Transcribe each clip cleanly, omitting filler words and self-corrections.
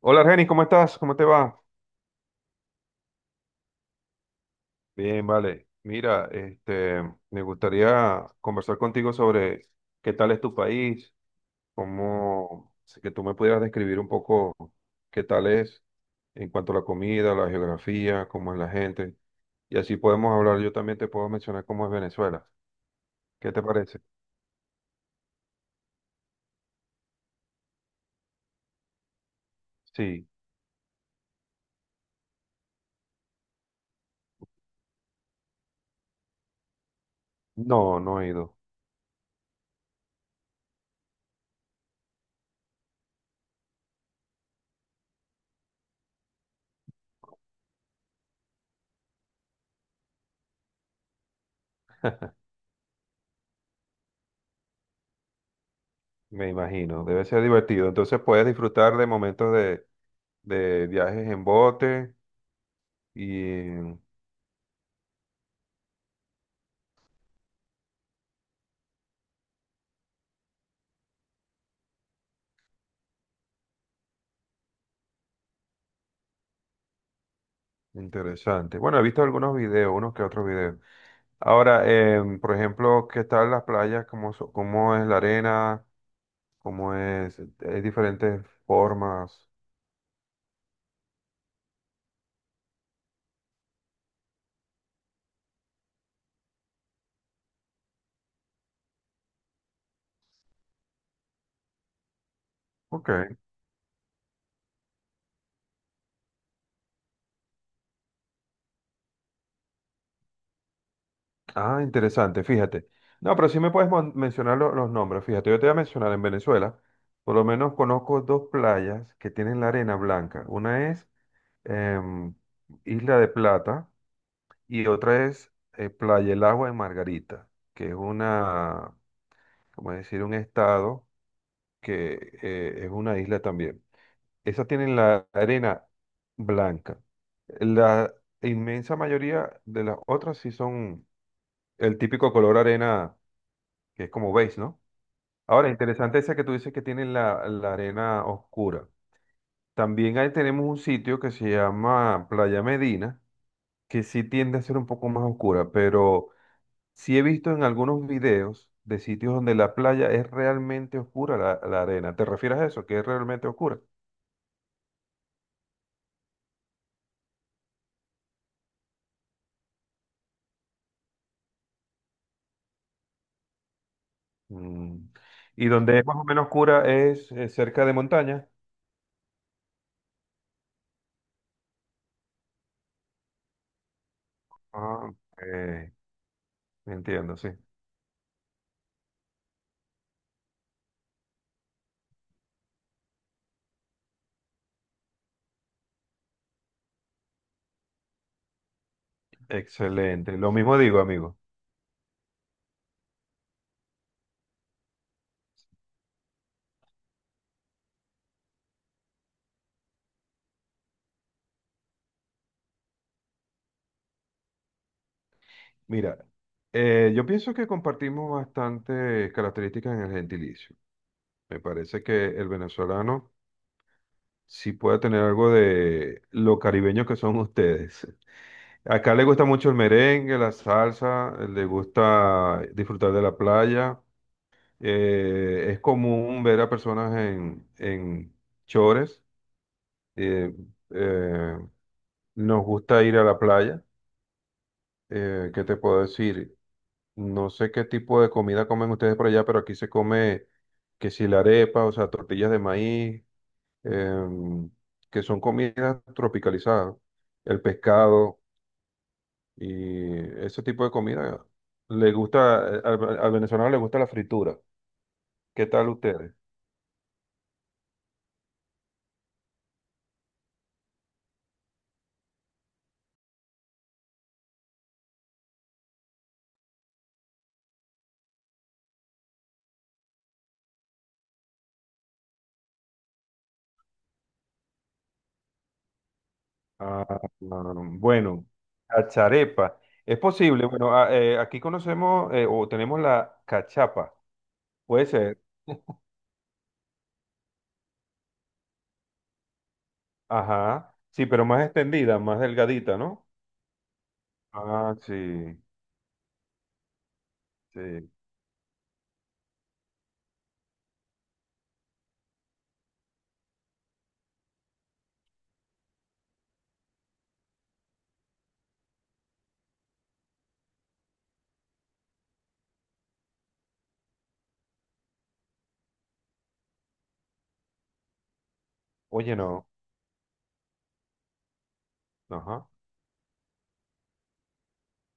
Hola, Argenis, ¿cómo estás? ¿Cómo te va? Bien, vale. Mira, me gustaría conversar contigo sobre qué tal es tu país, cómo, si que tú me pudieras describir un poco qué tal es en cuanto a la comida, la geografía, cómo es la gente. Y así podemos hablar. Yo también te puedo mencionar cómo es Venezuela. ¿Qué te parece? Sí. No, no he ido. Me imagino. Debe ser divertido. Entonces puedes disfrutar de momentos de viajes en bote y interesante. Bueno, he visto algunos videos, unos que otros videos. Ahora, por ejemplo, ¿qué tal las playas? ¿Cómo, cómo es la arena? ¿Cómo es? Hay diferentes formas. Ok. Ah, interesante, fíjate. No, pero sí me puedes mencionar los nombres. Fíjate, yo te voy a mencionar en Venezuela, por lo menos conozco dos playas que tienen la arena blanca. Una es em, Isla de Plata y otra es Playa El Agua de Margarita, que es una como decir, un estado que es una isla también. Esas tienen la arena blanca. La inmensa mayoría de las otras sí son el típico color arena, que es como beige, ¿no? Ahora, interesante esa que tú dices que tienen la arena oscura. También ahí tenemos un sitio que se llama Playa Medina, que sí tiende a ser un poco más oscura, pero sí he visto en algunos videos de sitios donde la playa es realmente oscura, la arena. ¿Te refieres a eso? ¿Que es realmente oscura? Mm. Y donde es más o menos oscura es cerca de montaña. Ah, ok. Entiendo, sí. Excelente. Lo mismo digo, amigo. Mira, yo pienso que compartimos bastantes características en el gentilicio. Me parece que el venezolano sí puede tener algo de lo caribeño que son ustedes. Acá le gusta mucho el merengue, la salsa, le gusta disfrutar de la playa. Es común ver a personas en chores. eh, eh, nos gusta ir a la playa. ¿Qué te puedo decir? No sé qué tipo de comida comen ustedes por allá, pero aquí se come que si la arepa, o sea, tortillas de maíz, em, que son comidas tropicalizadas. El pescado. Y ese tipo de comida le gusta, al venezolano le gusta la fritura. ¿Qué tal ustedes? Bueno, cacharepa. Es posible, bueno, aquí conocemos o tenemos la cachapa. Puede ser. Ajá. Sí, pero más extendida, más delgadita, ¿no? Ah, sí, sí. Oye, no. Ajá,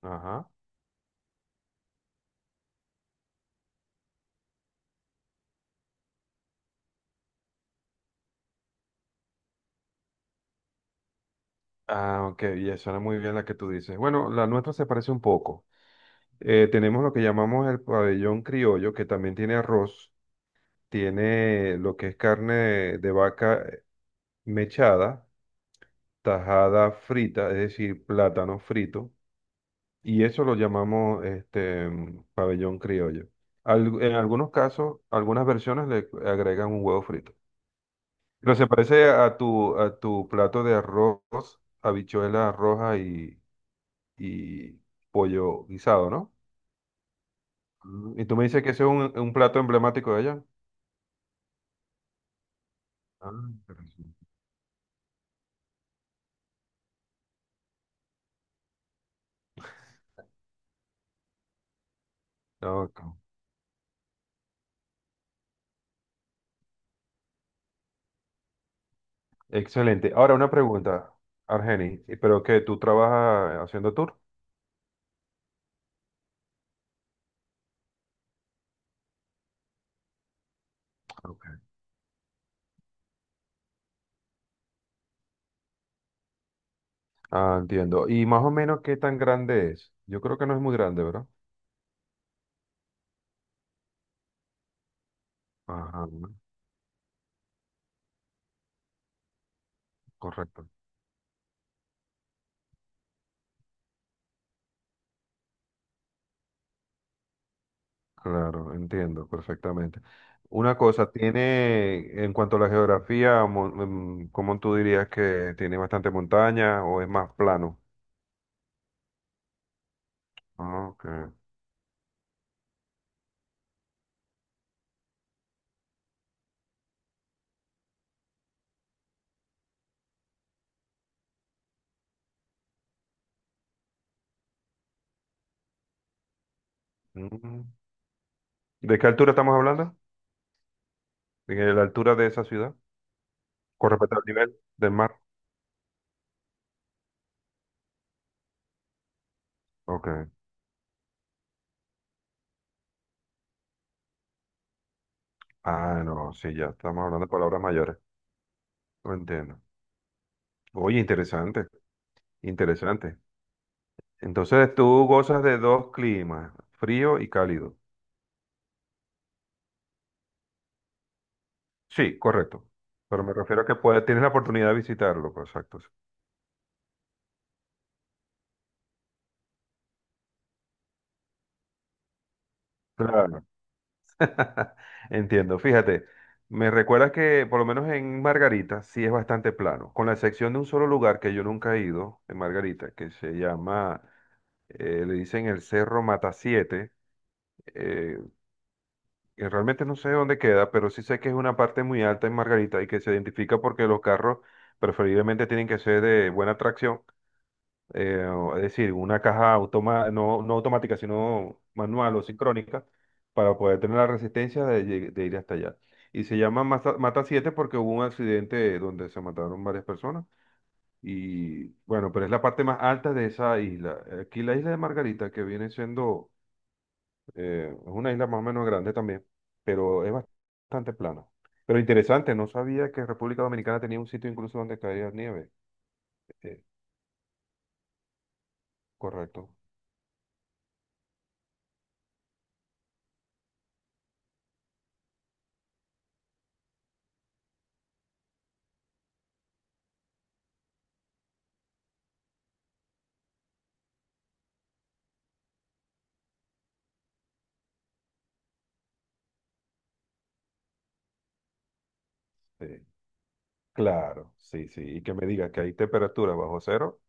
ajá. Ah, ok, ya suena muy bien la que tú dices. Bueno, la nuestra se parece un poco. Tenemos lo que llamamos el pabellón criollo, que también tiene arroz, tiene lo que es carne de vaca mechada, tajada frita, es decir, plátano frito, y eso lo llamamos este pabellón criollo. En algunos casos, algunas versiones le agregan un huevo frito. Pero se parece a a tu plato de arroz, habichuela roja y pollo guisado, ¿no? Mm. Y tú me dices que ese es un plato emblemático de allá. Ah, interesante. Ok. Excelente. Ahora una pregunta, Argeni, ¿y pero qué? ¿Tú trabajas haciendo tour? Ok. Ah, entiendo. ¿Y más o menos qué tan grande es? Yo creo que no es muy grande, ¿verdad? Ajá, correcto. Claro, entiendo perfectamente. Una cosa, tiene, en cuanto a la geografía, ¿cómo tú dirías que tiene bastante montaña o es más plano? Ah, ok. Mm. ¿De qué altura estamos hablando? ¿De la altura de esa ciudad? Con respecto al nivel del mar. Ok. Ah, no, sí, ya estamos hablando de palabras mayores. Lo entiendo. Oye, interesante, interesante. Entonces tú gozas de dos climas, frío y cálido. Sí, correcto. Pero me refiero a que puedes, tienes la oportunidad de visitarlo, pues, exacto. Claro. Entiendo. Fíjate, me recuerda que por lo menos en Margarita sí es bastante plano, con la excepción de un solo lugar que yo nunca he ido, en Margarita, que se llama le dicen el Cerro Mata 7, y realmente no sé dónde queda, pero sí sé que es una parte muy alta en Margarita y que se identifica porque los carros preferiblemente tienen que ser de buena tracción, es decir, una caja automa no, no automática, sino manual o sincrónica, para poder tener la resistencia de, de ir hasta allá. Y se llama Mata, Mata 7 porque hubo un accidente donde se mataron varias personas. Y bueno, pero es la parte más alta de esa isla. Aquí la isla de Margarita, que viene siendo es una isla más o menos grande también, pero es bastante plana. Pero interesante, no sabía que República Dominicana tenía un sitio incluso donde caía nieve. Eh, correcto. Sí. Claro, sí, sí. Y que me digas que hay temperatura bajo cero,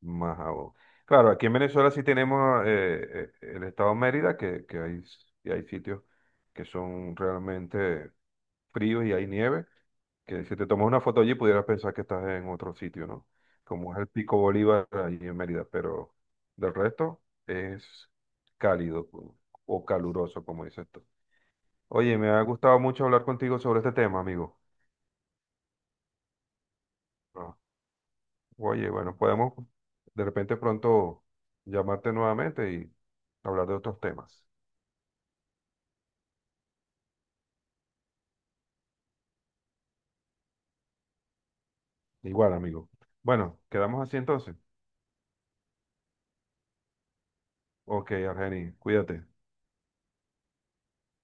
más aún. Claro, aquí en Venezuela sí tenemos el estado Mérida, que hay, y hay sitios que son realmente fríos y hay nieve, que si te tomas una foto allí pudieras pensar que estás en otro sitio, ¿no? Como es el Pico Bolívar allí en Mérida, pero del resto es cálido o caluroso, como dices tú. Oye, me ha gustado mucho hablar contigo sobre este tema, amigo. Ah, oye, bueno, podemos de repente pronto llamarte nuevamente y hablar de otros temas. Igual, amigo. Bueno, quedamos así entonces. Ok, Argeni, cuídate.